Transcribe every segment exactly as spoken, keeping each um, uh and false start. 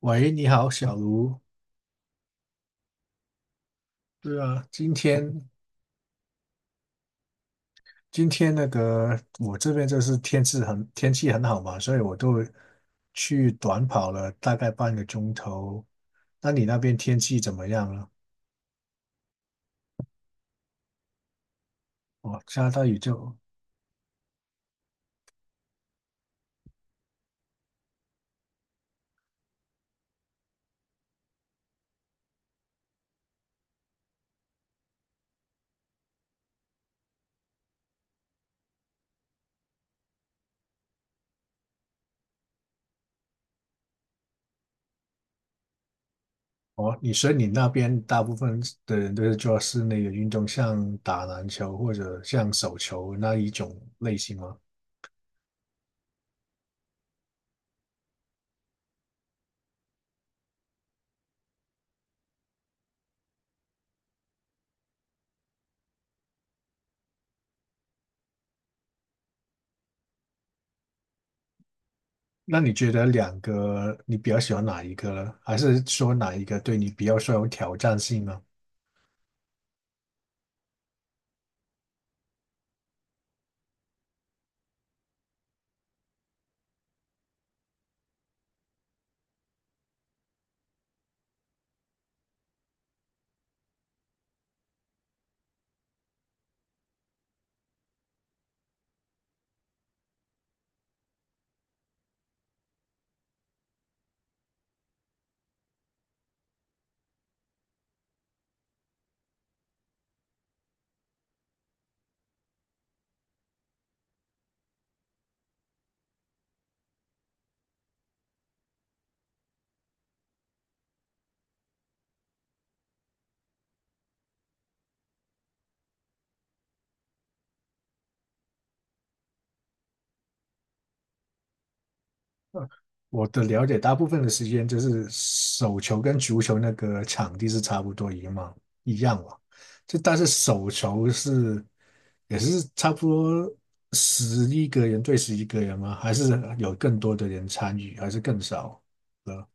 喂，你好，小卢。对啊，今天今天那个我这边就是天气很天气很好嘛，所以我都去短跑了大概半个钟头。那你那边天气怎么样了？哦，下大雨就。哦，你所以你那边大部分的人都是做室内的运动，像打篮球或者像手球那一种类型吗？那你觉得两个你比较喜欢哪一个呢？还是说哪一个对你比较说有挑战性呢？我的了解，大部分的时间就是手球跟足球那个场地是差不多一样一样嘛。就但是手球是也是差不多十一个人对十一个人吗？还是有更多的人参与，还是更少了？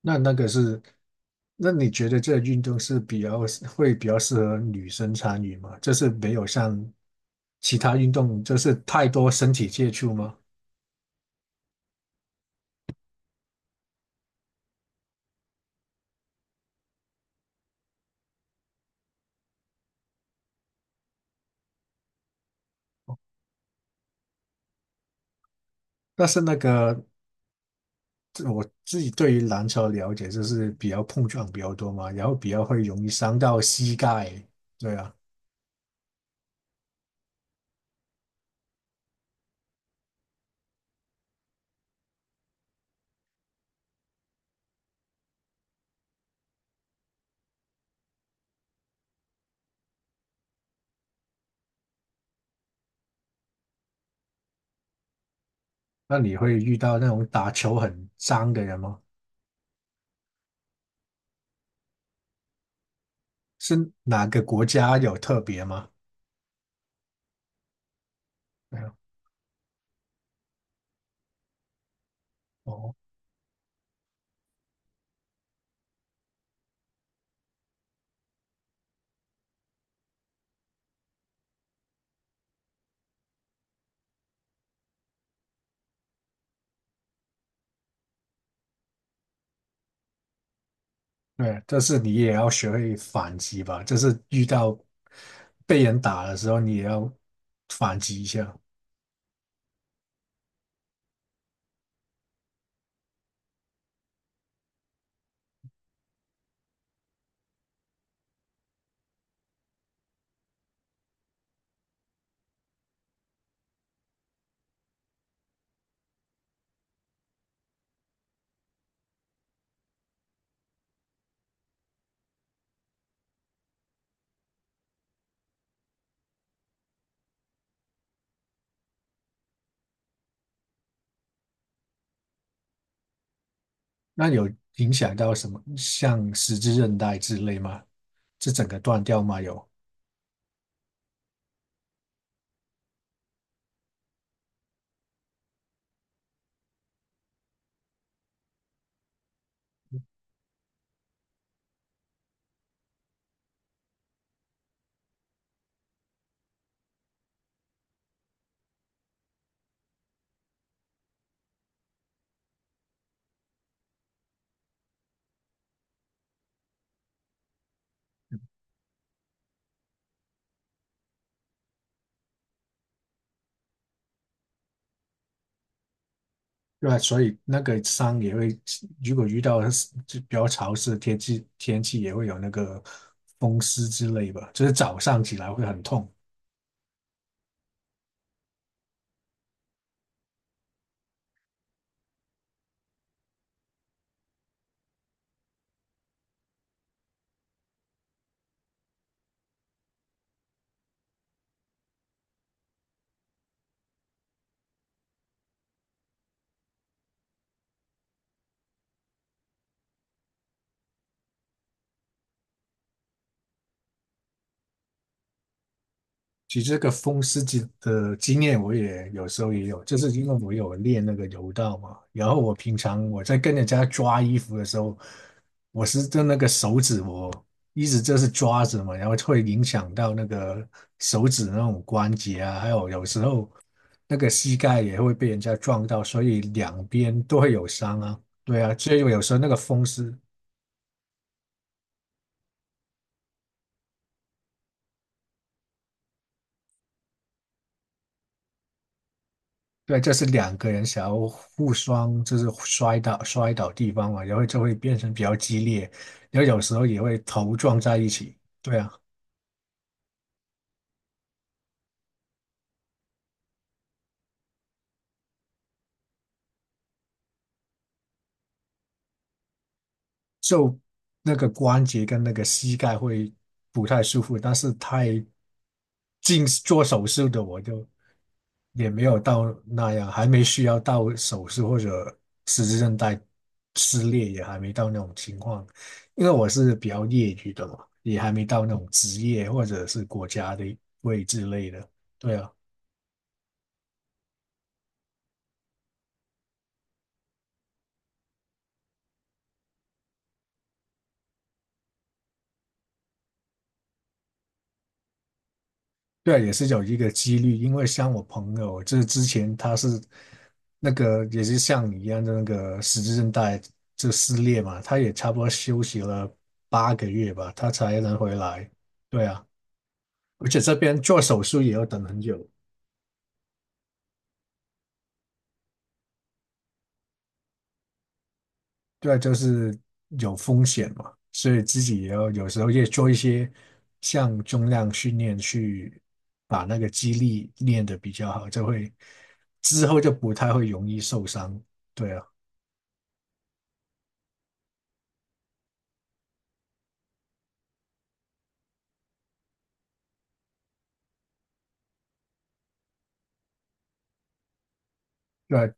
那那个是，那你觉得这个运动是比较会比较适合女生参与吗？就是没有像其他运动就是太多身体接触吗？但是那个，这我自己对于篮球了解就是比较碰撞比较多嘛，然后比较会容易伤到膝盖。对啊。那你会遇到那种打球很脏的人吗？是哪个国家有特别吗？没有。哦，对啊，但是你也要学会反击吧，就是遇到被人打的时候，你也要反击一下。那有影响到什么，像十字韧带之类吗？是整个断掉吗？有。对啊，所以那个伤也会，如果遇到是就比较潮湿的天气，天气也会有那个风湿之类吧，就是早上起来会很痛。其实这个风湿经的经验，我也有时候也有，就是因为我有练那个柔道嘛。然后我平常我在跟人家抓衣服的时候，我是就那个手指我一直就是抓着嘛，然后会影响到那个手指那种关节啊，还有有时候。那个膝盖也会被人家撞到，所以两边都会有伤啊。对啊，所以有时候那个风湿，对，这是两个人想要互双，就是摔倒摔倒地方嘛，然后就会变成比较激烈，然后有时候也会头撞在一起。对啊。就那个关节跟那个膝盖会不太舒服，但是太近做手术的我就也没有到那样，还没需要到手术或者十字韧带撕裂，也还没到那种情况，因为我是比较业余的嘛，也还没到那种职业或者是国家的位之类的，对啊。对，也是有一个几率，因为像我朋友，就是之前他是那个也是像你一样的那个十字韧带就撕裂嘛，他也差不多休息了八个月吧，他才能回来。对啊，而且这边做手术也要等很久，对啊，就是有风险嘛，所以自己也要有时候也做一些像重量训练去把那个肌力练得比较好，就会之后就不太会容易受伤。对啊。对，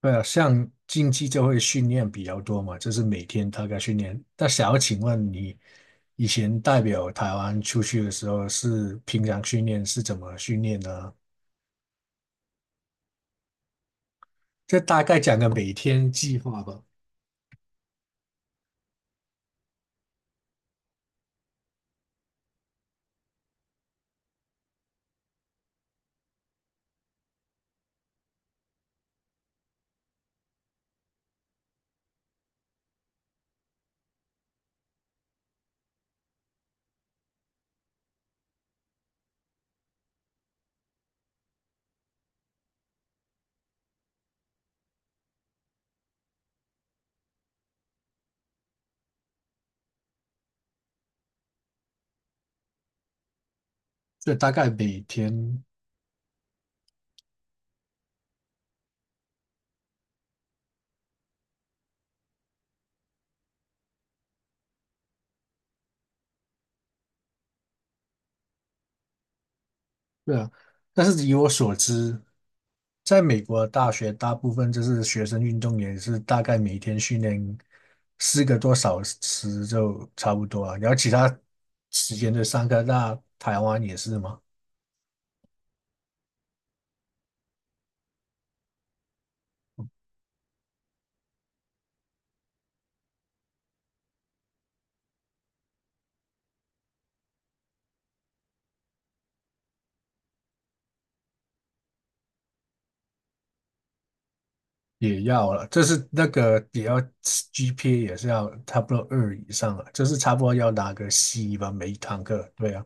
对啊，像竞技就会训练比较多嘛，就是每天大概训练。那想要请问你，以前代表台湾出去的时候是平常训练是怎么训练呢？就大概讲个每天计划吧，就大概每天，对啊。但是以我所知，在美国大学大部分就是学生运动员是大概每天训练四个多小时就差不多啊，然后其他时间就上课。那台湾也是吗？也要了，就是那个也要 G P A 也是要差不多二以上了，就是差不多要拿个 C 吧，每一堂课。对啊。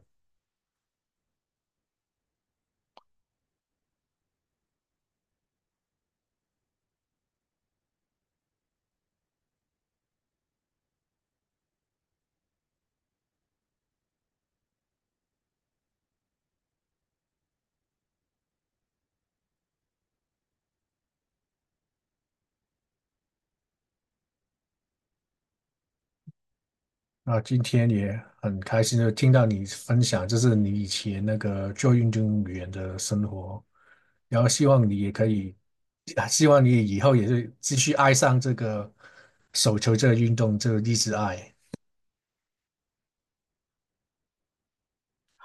那今天也很开心，就听到你分享，就是你以前那个做运动员的生活，然后希望你也可以，啊希望你以后也是继续爱上这个手球这个运动，这个一直爱。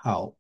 好。